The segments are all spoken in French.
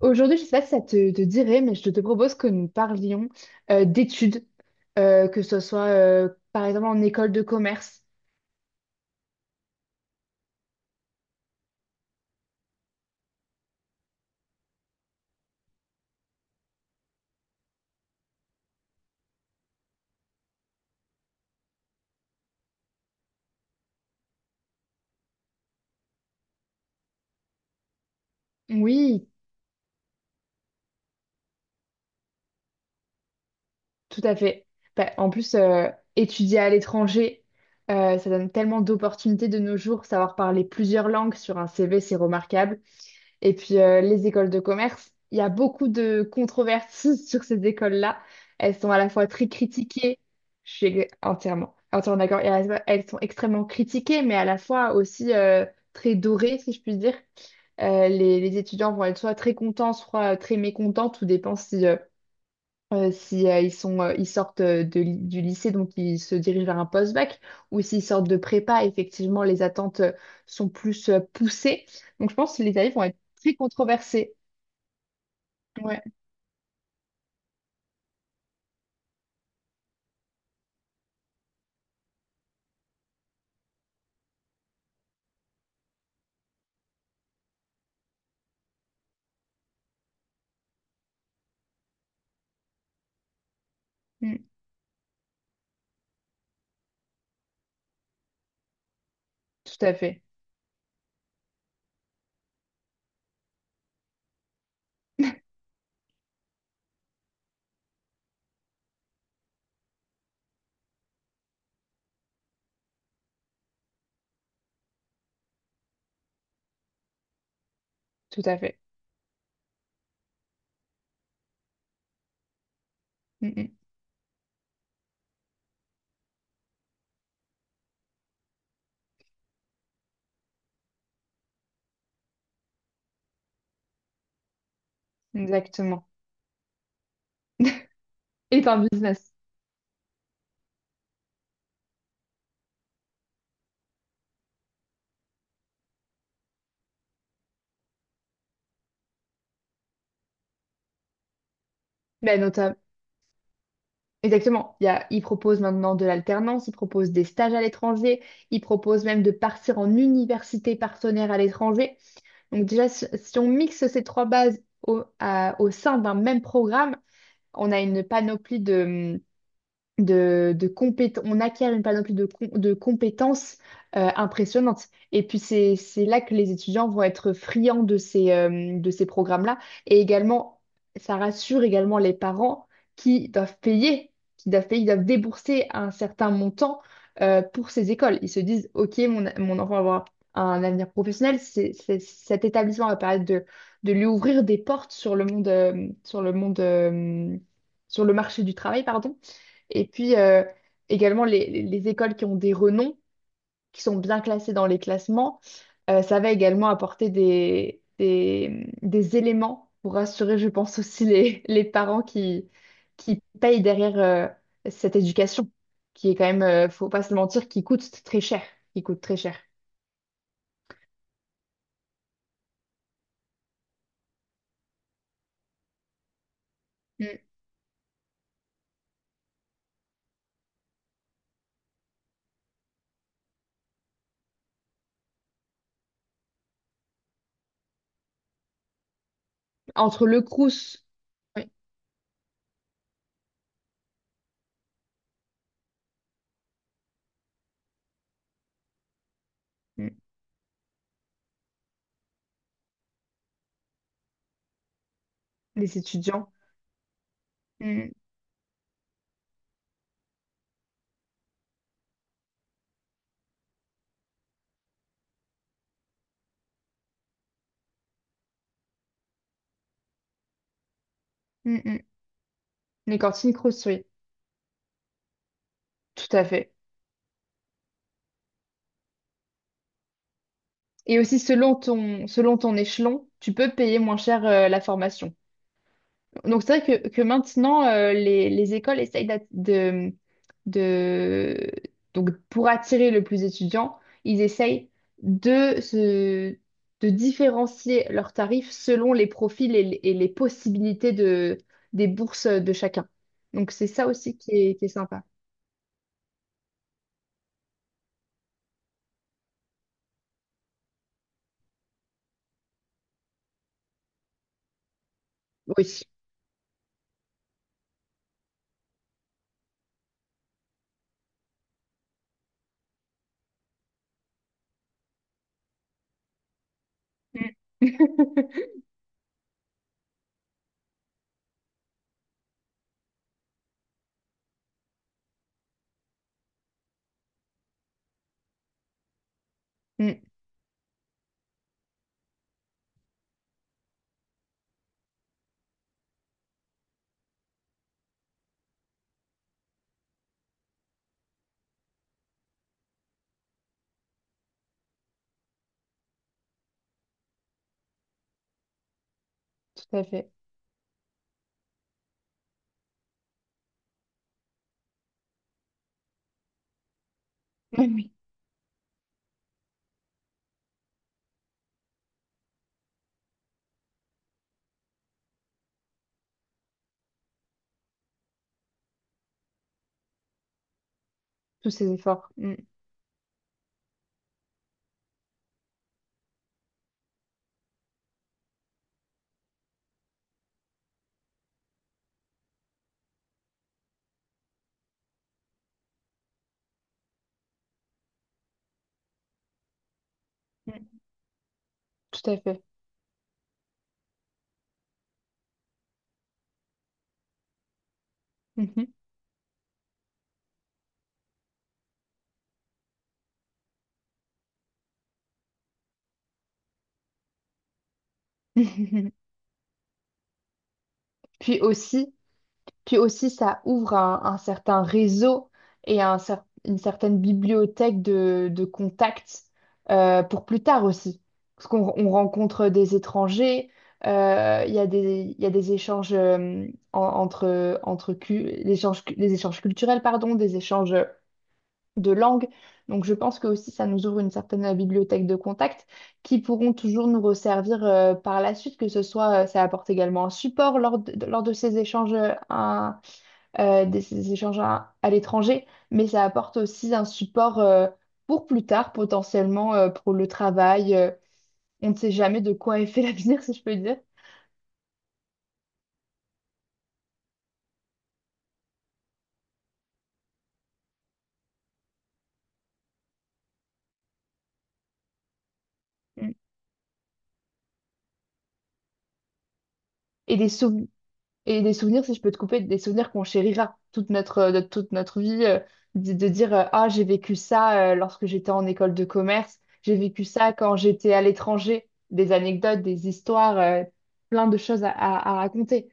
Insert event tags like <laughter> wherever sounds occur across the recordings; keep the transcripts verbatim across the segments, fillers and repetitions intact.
Aujourd'hui, je ne sais pas si ça te, te dirait, mais je te propose que nous parlions euh, d'études, euh, que ce soit euh, par exemple en école de commerce. Oui, tout à fait. Bah, en plus, euh, étudier à l'étranger, euh, ça donne tellement d'opportunités de nos jours. Savoir parler plusieurs langues sur un C V, c'est remarquable. Et puis euh, les écoles de commerce, il y a beaucoup de controverses <laughs> sur ces écoles-là. Elles sont à la fois très critiquées, je suis entièrement, entièrement d'accord, et à la fois, elles sont extrêmement critiquées, mais à la fois aussi euh, très dorées, si je puis dire. Euh, les, les étudiants vont être soit très contents, soit euh, très mécontents, tout dépend si euh, euh, si euh, ils sont, euh, ils sortent euh, de li- du lycée, donc ils se dirigent vers un post-bac, ou s'ils sortent de prépa, effectivement, les attentes euh, sont plus euh, poussées. Donc, je pense que les tarifs vont être très controversés. Ouais. Mm. Tout à fait. <laughs> Tout à fait. Mm, mm. Exactement. Et par business. Ben, notam- Exactement. Il y a, ils proposent maintenant de l'alternance, ils proposent des stages à l'étranger, ils proposent même de partir en université partenaire à l'étranger. Donc déjà, si si on mixe ces trois bases au, à- au sein d'un même programme, on a une panoplie de, de, de compét- on acquiert une panoplie de, com- de compétences euh, impressionnantes. Et puis c'est, c'est là que les étudiants vont être friands de ces, euh, de ces programmes-là. Et également, ça rassure également les parents qui doivent payer, qui doivent payer, ils doivent débourser un certain montant euh, pour ces écoles. Ils se disent, OK, mon, mon enfant va avoir un avenir professionnel, c'est, c'est- cet établissement va permettre de, de lui ouvrir des portes sur le monde, euh, sur le monde, euh, sur le marché du travail, pardon. Et puis euh, également les, les- les écoles qui ont des renoms, qui sont bien classées dans les classements, euh, ça va également apporter des, des, des éléments pour rassurer, je pense, aussi les, les parents qui, qui payent derrière euh, cette éducation, qui est quand même, euh, faut pas se mentir, qui coûte très cher, qui coûte très cher. Mm. Entre le Crous, oui, mm, les étudiants, mm, mm, mm, les cantines Crous, oui, tout à fait. Et aussi, selon ton, selon ton échelon, tu peux payer moins cher euh, la formation. Donc, c'est vrai que, que maintenant, euh, les, les écoles essayent. d'at- de, de... Donc, pour attirer le plus d'étudiants, ils essayent de, se, de différencier leurs tarifs selon les profils et, les et les possibilités de, des bourses de chacun. Donc, c'est ça aussi qui est, qui est, sympa. Oui. Mm. <laughs> Mm, tout à fait. Oui, oui. Tous ces efforts. Mm, mm, tout à fait. Mhm. <laughs> Puis aussi, puis aussi, ça ouvre un, un certain réseau et un cer- une certaine bibliothèque de, de contacts euh, pour plus tard aussi. Parce qu'on on rencontre des étrangers, euh, il y a des, il y a des échanges euh, en- entre, entre cu- l'échange cu- des échanges culturels, pardon, des échanges de langue. Donc je pense que aussi ça nous ouvre une certaine euh, bibliothèque de contacts qui pourront toujours nous resservir euh, par la suite, que ce soit euh, ça apporte également un support lors de, de- lors de ces échanges, euh, à- euh, de ces échanges à, à l'étranger, mais ça apporte aussi un support euh, pour plus tard, potentiellement euh, pour le travail. Euh, on ne sait jamais de quoi est fait <laughs> l'avenir, si je peux dire. Mm. Et des sou- Et des souvenirs, si je peux te couper, des souvenirs qu'on chérira toute notre, euh, de toute notre vie, euh, de, de dire euh, Ah, j'ai vécu ça euh, lorsque j'étais en école de commerce, j'ai vécu ça quand j'étais à l'étranger, des anecdotes, des histoires, euh, plein de choses à, à- à raconter.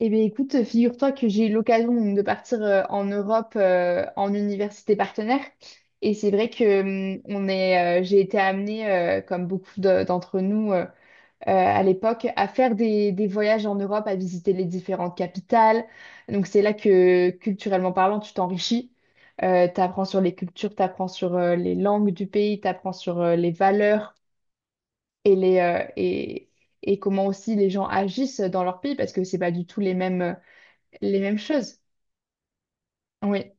Eh bien, écoute, figure-toi que j'ai eu l'occasion donc, de partir euh, en Europe euh, en université partenaire. Et c'est vrai que hum, on est, euh, j'ai été amenée, euh, comme beaucoup de- d'entre nous, euh, euh, à l'époque à faire des, des voyages en Europe, à visiter les différentes capitales. Donc c'est là que, culturellement parlant, tu t'enrichis. Euh, t'apprends sur les cultures, t'apprends sur euh, les langues du pays, t'apprends sur euh, les valeurs et, les, euh, et, et comment aussi les gens agissent dans leur pays parce que c'est pas du tout les mêmes, euh, les mêmes choses. Oui.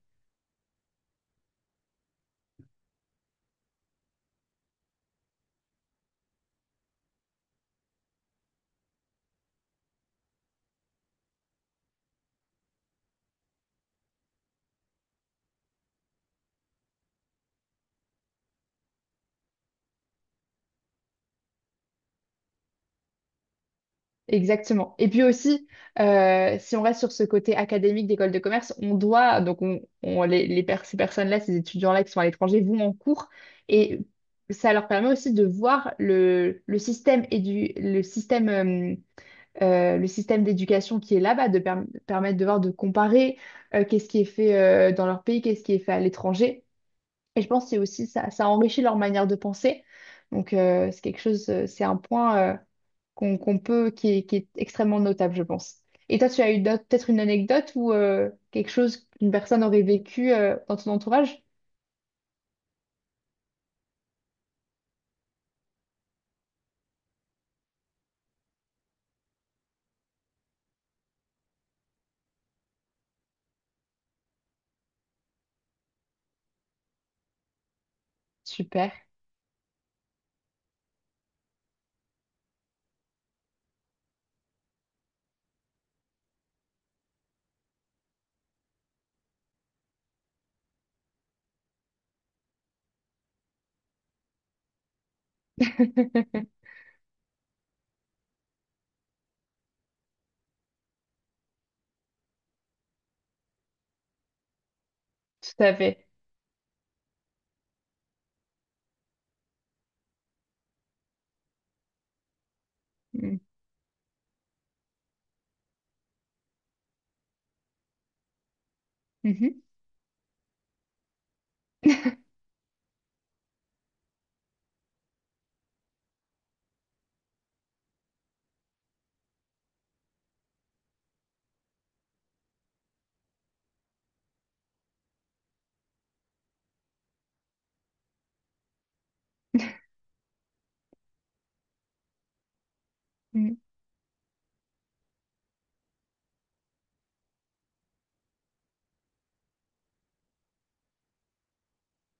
Exactement. Et puis aussi, euh, si on reste sur ce côté académique d'école de commerce, on doit, donc on, on- les, les per- ces personnes-là, ces étudiants-là qui sont à l'étranger vont en cours et ça leur permet aussi de voir le, le système et du, le système, euh, euh, le système d'éducation qui est là-bas, de perm- permettre de voir, de comparer euh, qu'est-ce qui est fait euh, dans leur pays, qu'est-ce qui est fait à l'étranger. Et je pense que c'est aussi ça, ça enrichit leur manière de penser. Donc euh, c'est quelque chose, euh, c'est un point. euh, qu'on qu'on peut, qui est, qui est, extrêmement notable, je pense. Et toi, tu as eu d'autres- peut-être une anecdote ou euh, quelque chose qu'une personne aurait vécu euh, dans ton entourage? Super, <laughs> tout à fait. Mm. Mhm. <laughs>